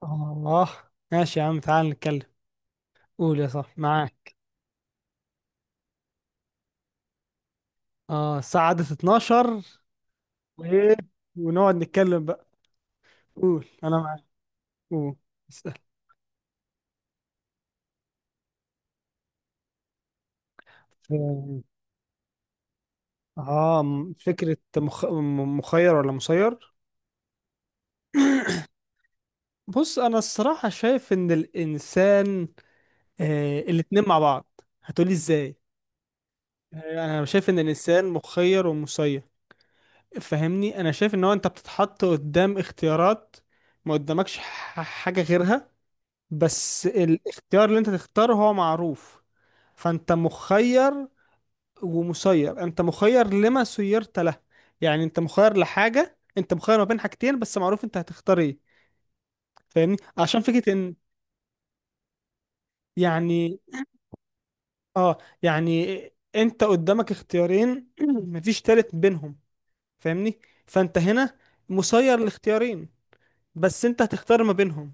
سبحان الله. ماشي يا عم، تعال نتكلم. قول يا صاحبي معاك. اه، الساعة عدت 12. وايه؟ ونقعد نتكلم بقى. قول انا معاك. قول. اسأل. اه، مخير ولا مسير؟ بص، انا الصراحة شايف ان الانسان. آه الاتنين مع بعض، هتقولي ازاي؟ آه، انا شايف ان الانسان مخير ومسير. فهمني، انا شايف ان هو انت بتتحط قدام اختيارات. ما قدامكش حاجة غيرها. بس الاختيار اللي انت تختاره هو معروف. فانت مخير. ومسير انت مخير لما سيرت له. يعني انت مخير لحاجة، انت مخير ما بين حاجتين بس معروف انت هتختار ايه. فاهمني، عشان فكرة ان يعني. اه يعني انت قدامك اختيارين مفيش تالت بينهم. فاهمني. فانت هنا مسير لاختيارين، بس انت هتختار ما بينهم.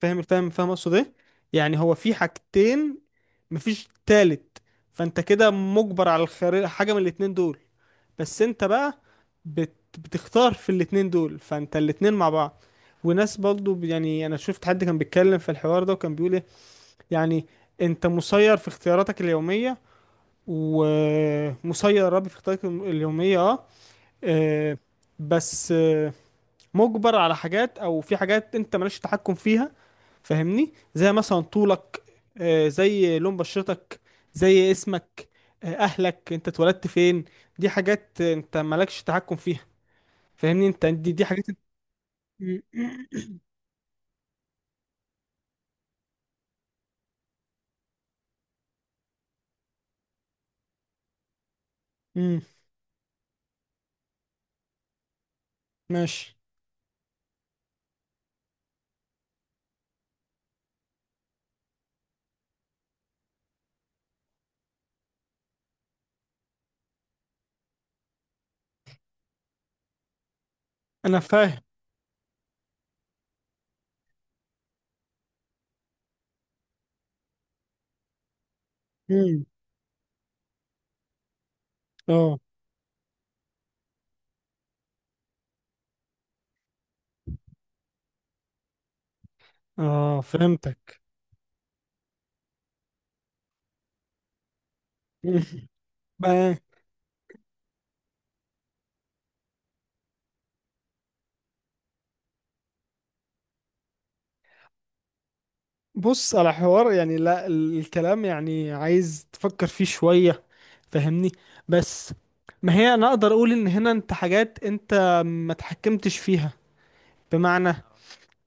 فاهم فاهم فاهم اقصد ايه؟ يعني هو في حاجتين، مفيش تالت. فانت كده مجبر على الخيار حاجه من الاتنين دول. بس انت بقى بتختار في الاتنين دول، فانت الاتنين مع بعض. وناس برضو يعني، انا شفت حد كان بيتكلم في الحوار ده وكان بيقول ايه، يعني انت مسير في اختياراتك اليوميه. ومسير يا ربي في اختياراتك اليوميه، اه آه، بس آه، مجبر على حاجات او في حاجات انت مالكش تحكم فيها. فاهمني، زي مثلا طولك، آه، زي لون بشرتك، زي اسمك، آه، اهلك، انت اتولدت فين. دي حاجات آه، انت مالكش تحكم فيها. فاهمني، انت دي حاجات انت... مم، مم، مم، ماشي، انا فاهم. مم، اه اه، فهمتك. مم. بص على حوار يعني، لا، الكلام يعني عايز تفكر فيه شوية. فاهمني، بس ما هي انا اقدر اقول ان هنا انت حاجات انت ما تحكمتش فيها، بمعنى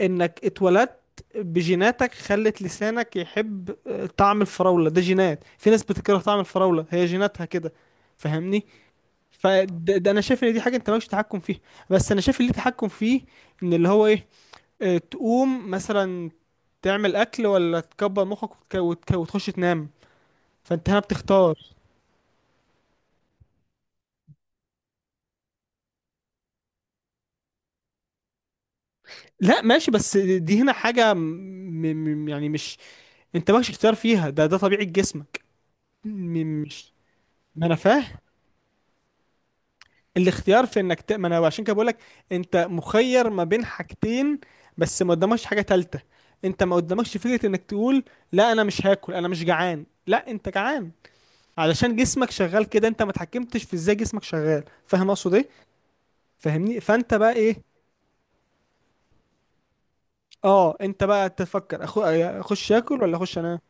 انك اتولدت بجيناتك خلت لسانك يحب آه، طعم الفراولة. ده جينات، في ناس بتكره طعم الفراولة، هي جيناتها كده. فاهمني، فده انا شايف ان دي حاجة انت مالكش تحكم فيها. بس انا شايف اللي تحكم فيه، ان اللي هو ايه، آه، تقوم مثلا تعمل اكل ولا تكبر مخك وتخش تنام. فانت هنا بتختار. لا ماشي، بس دي هنا حاجة يعني مش، انت مالكش اختيار فيها. ده طبيعة جسمك. مش. ما انا فاهم. الاختيار في انك ما انا عشان كده بقولك، انت مخير ما بين حاجتين بس ما قدامكش حاجة تالتة. انت ما قدامكش فكرة انك تقول لا، انا مش هاكل، انا مش جعان. لا، انت جعان، علشان جسمك شغال كده. انت ما اتحكمتش في ازاي جسمك شغال، فاهم اقصد ايه؟ فاهمني، فانت بقى ايه. اه، انت بقى تفكر اخش اكل ولا اخش. انا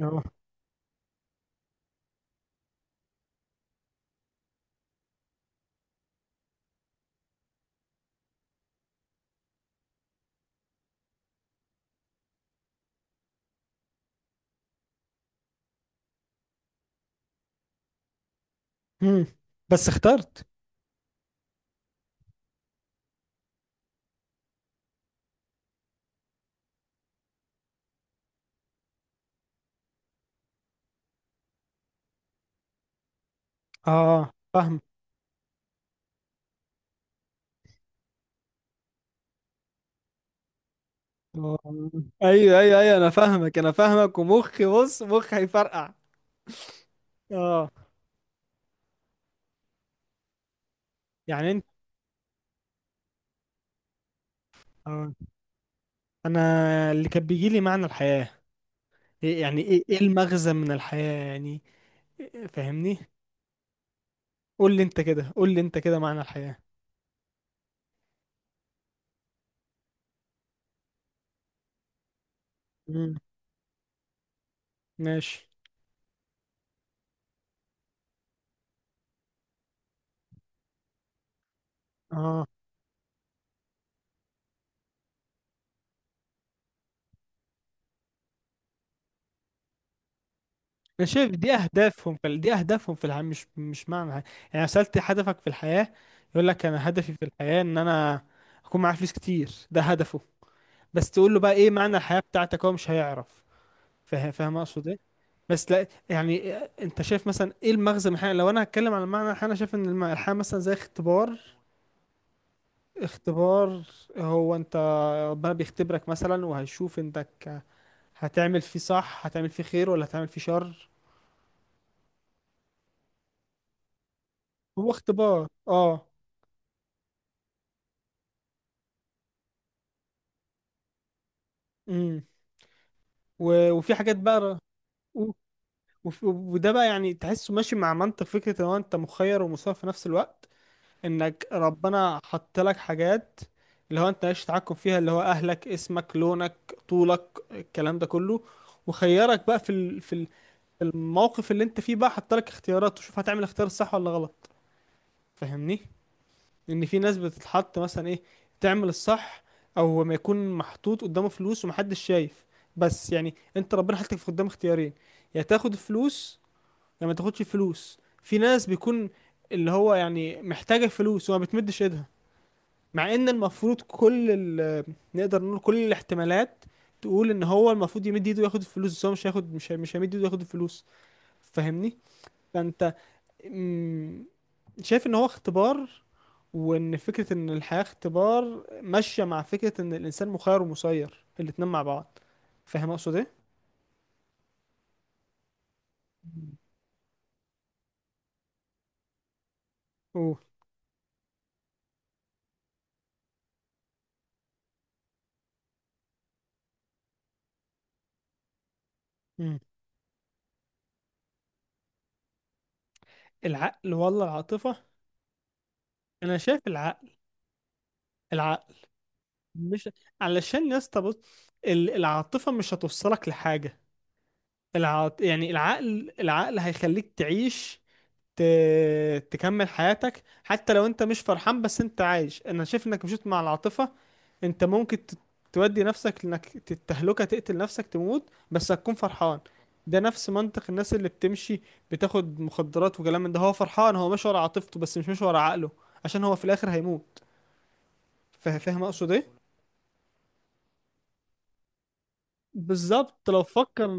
اه. مم. بس اخترت. اه فاهم. آه. ايوه ايوه ايوه، انا فاهمك انا فاهمك، ومخي، بص مخي هيفرقع. اه، يعني انت آه. انا، اللي كان بيجي لي معنى الحياة، إيه يعني؟ ايه ايه المغزى من الحياة يعني. فاهمني، قول لي انت كده، قول لي انت كده، معنى الحياة. مم. ماشي. اه، انا شايف دي اهدافهم في الحياه، مش معنى حاجة. يعني أنا سالت هدفك في الحياه، يقول لك انا هدفي في الحياه ان انا اكون معايا فلوس كتير، ده هدفه. بس تقول له بقى ايه معنى الحياه بتاعتك، هو مش هيعرف. فاهم اقصد ايه؟ بس لا، يعني انت شايف مثلا ايه المغزى من الحياه. لو انا هتكلم عن معنى الحياه، انا شايف ان الحياه مثلا زي اختبار. اختبار، هو انت ربنا بيختبرك مثلا، وهيشوف انتك هتعمل فيه صح، هتعمل فيه خير ولا هتعمل فيه شر. هو اختبار، اه. وفي حاجات بقى. و- وده بقى يعني، تحسه ماشي مع منطق فكرة ان هو انت مخير ومسير في نفس الوقت، انك ربنا حط لك حاجات اللي هو انت مالكش تحكم فيها، اللي هو اهلك، اسمك، لونك، طولك، الكلام ده كله. وخيرك بقى الموقف اللي انت فيه بقى، حط لك اختيارات وشوف هتعمل اختيار صح ولا غلط. فاهمني، ان في ناس بتتحط مثلا ايه، تعمل الصح. او ما يكون محطوط قدامه فلوس ومحدش شايف، بس يعني انت ربنا حطك في قدام اختيارين، يا تاخد الفلوس يا ما تاخدش الفلوس. في ناس بيكون اللي هو يعني محتاجة الفلوس وما بتمدش ايدها، مع ان المفروض كل ال، نقدر نقول كل الاحتمالات تقول ان هو المفروض يمد ايده وياخد الفلوس، بس هو مش هياخد، مش هيمد ايده وياخد الفلوس. فاهمني، فانت مم، شايف ان هو اختبار، وان فكرة ان الحياة اختبار ماشية مع فكرة ان الانسان مخير ومسير، الاتنين مع بعض. فاهم اقصد ايه؟ اوه. مم. العقل ولا العاطفة. انا شايف العقل. العقل مش، علشان يا اسطى بص، العاطفة مش هتوصلك لحاجة. يعني، العقل هيخليك تعيش، ت... تكمل حياتك. حتى لو انت مش فرحان، بس انت عايش. انا شايف انك مشيت مع العاطفة، انت ممكن تودي نفسك لانك تتهلكه، تقتل نفسك، تموت، بس هتكون فرحان. ده نفس منطق الناس اللي بتمشي، بتاخد مخدرات وكلام من ده، هو فرحان، هو ماشي ورا عاطفته بس مش ماشي ورا عقله، عشان هو في الاخر هيموت. فاهم اقصد ايه؟ بالظبط، لو فكر.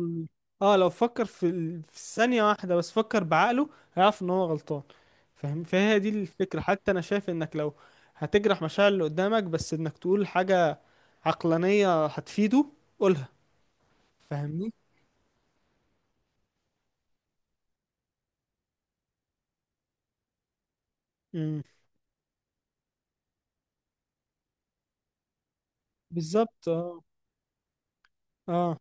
اه لو فكر في ثانية واحدة بس، فكر بعقله هيعرف ان هو غلطان. فاهم، فهي دي الفكرة. حتى انا شايف انك لو هتجرح مشاعر اللي قدامك، بس انك تقول حاجة عقلانية هتفيده، قولها. فاهمني؟ بالظبط. اه اه.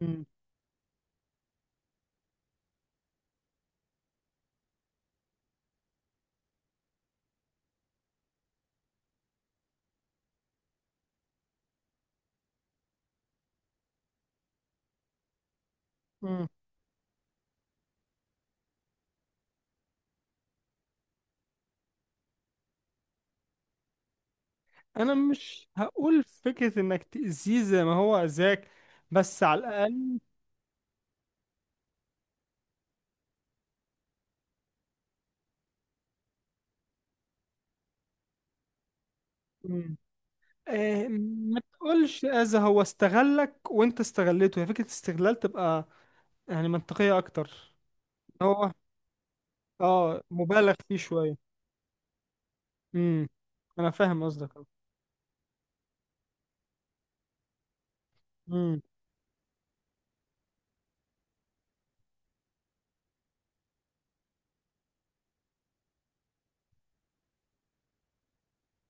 مم. مم. انا مش هقول فكرة انك تأذيه زي ما هو اذاك، بس على الاقل. مم. آه، ما تقولش اذى، هو استغلك وانت استغلته، هي فكرة استغلال تبقى يعني منطقية اكتر. هو، اه، مبالغ فيه شوية. امم انا فاهم قصدك. امم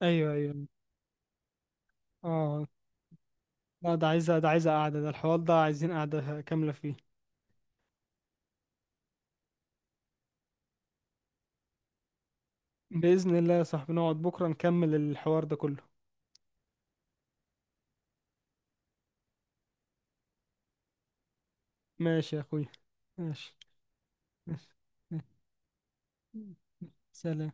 ايوه ايوه. اه، لا ده عايزة، ده عايزة قعدة، ده الحوار ده عايزين قعدة كاملة فيه. بإذن الله يا صاحبي نقعد بكرة نكمل الحوار ده كله. ماشي يا اخوي. ماشي. ماشي. سلام.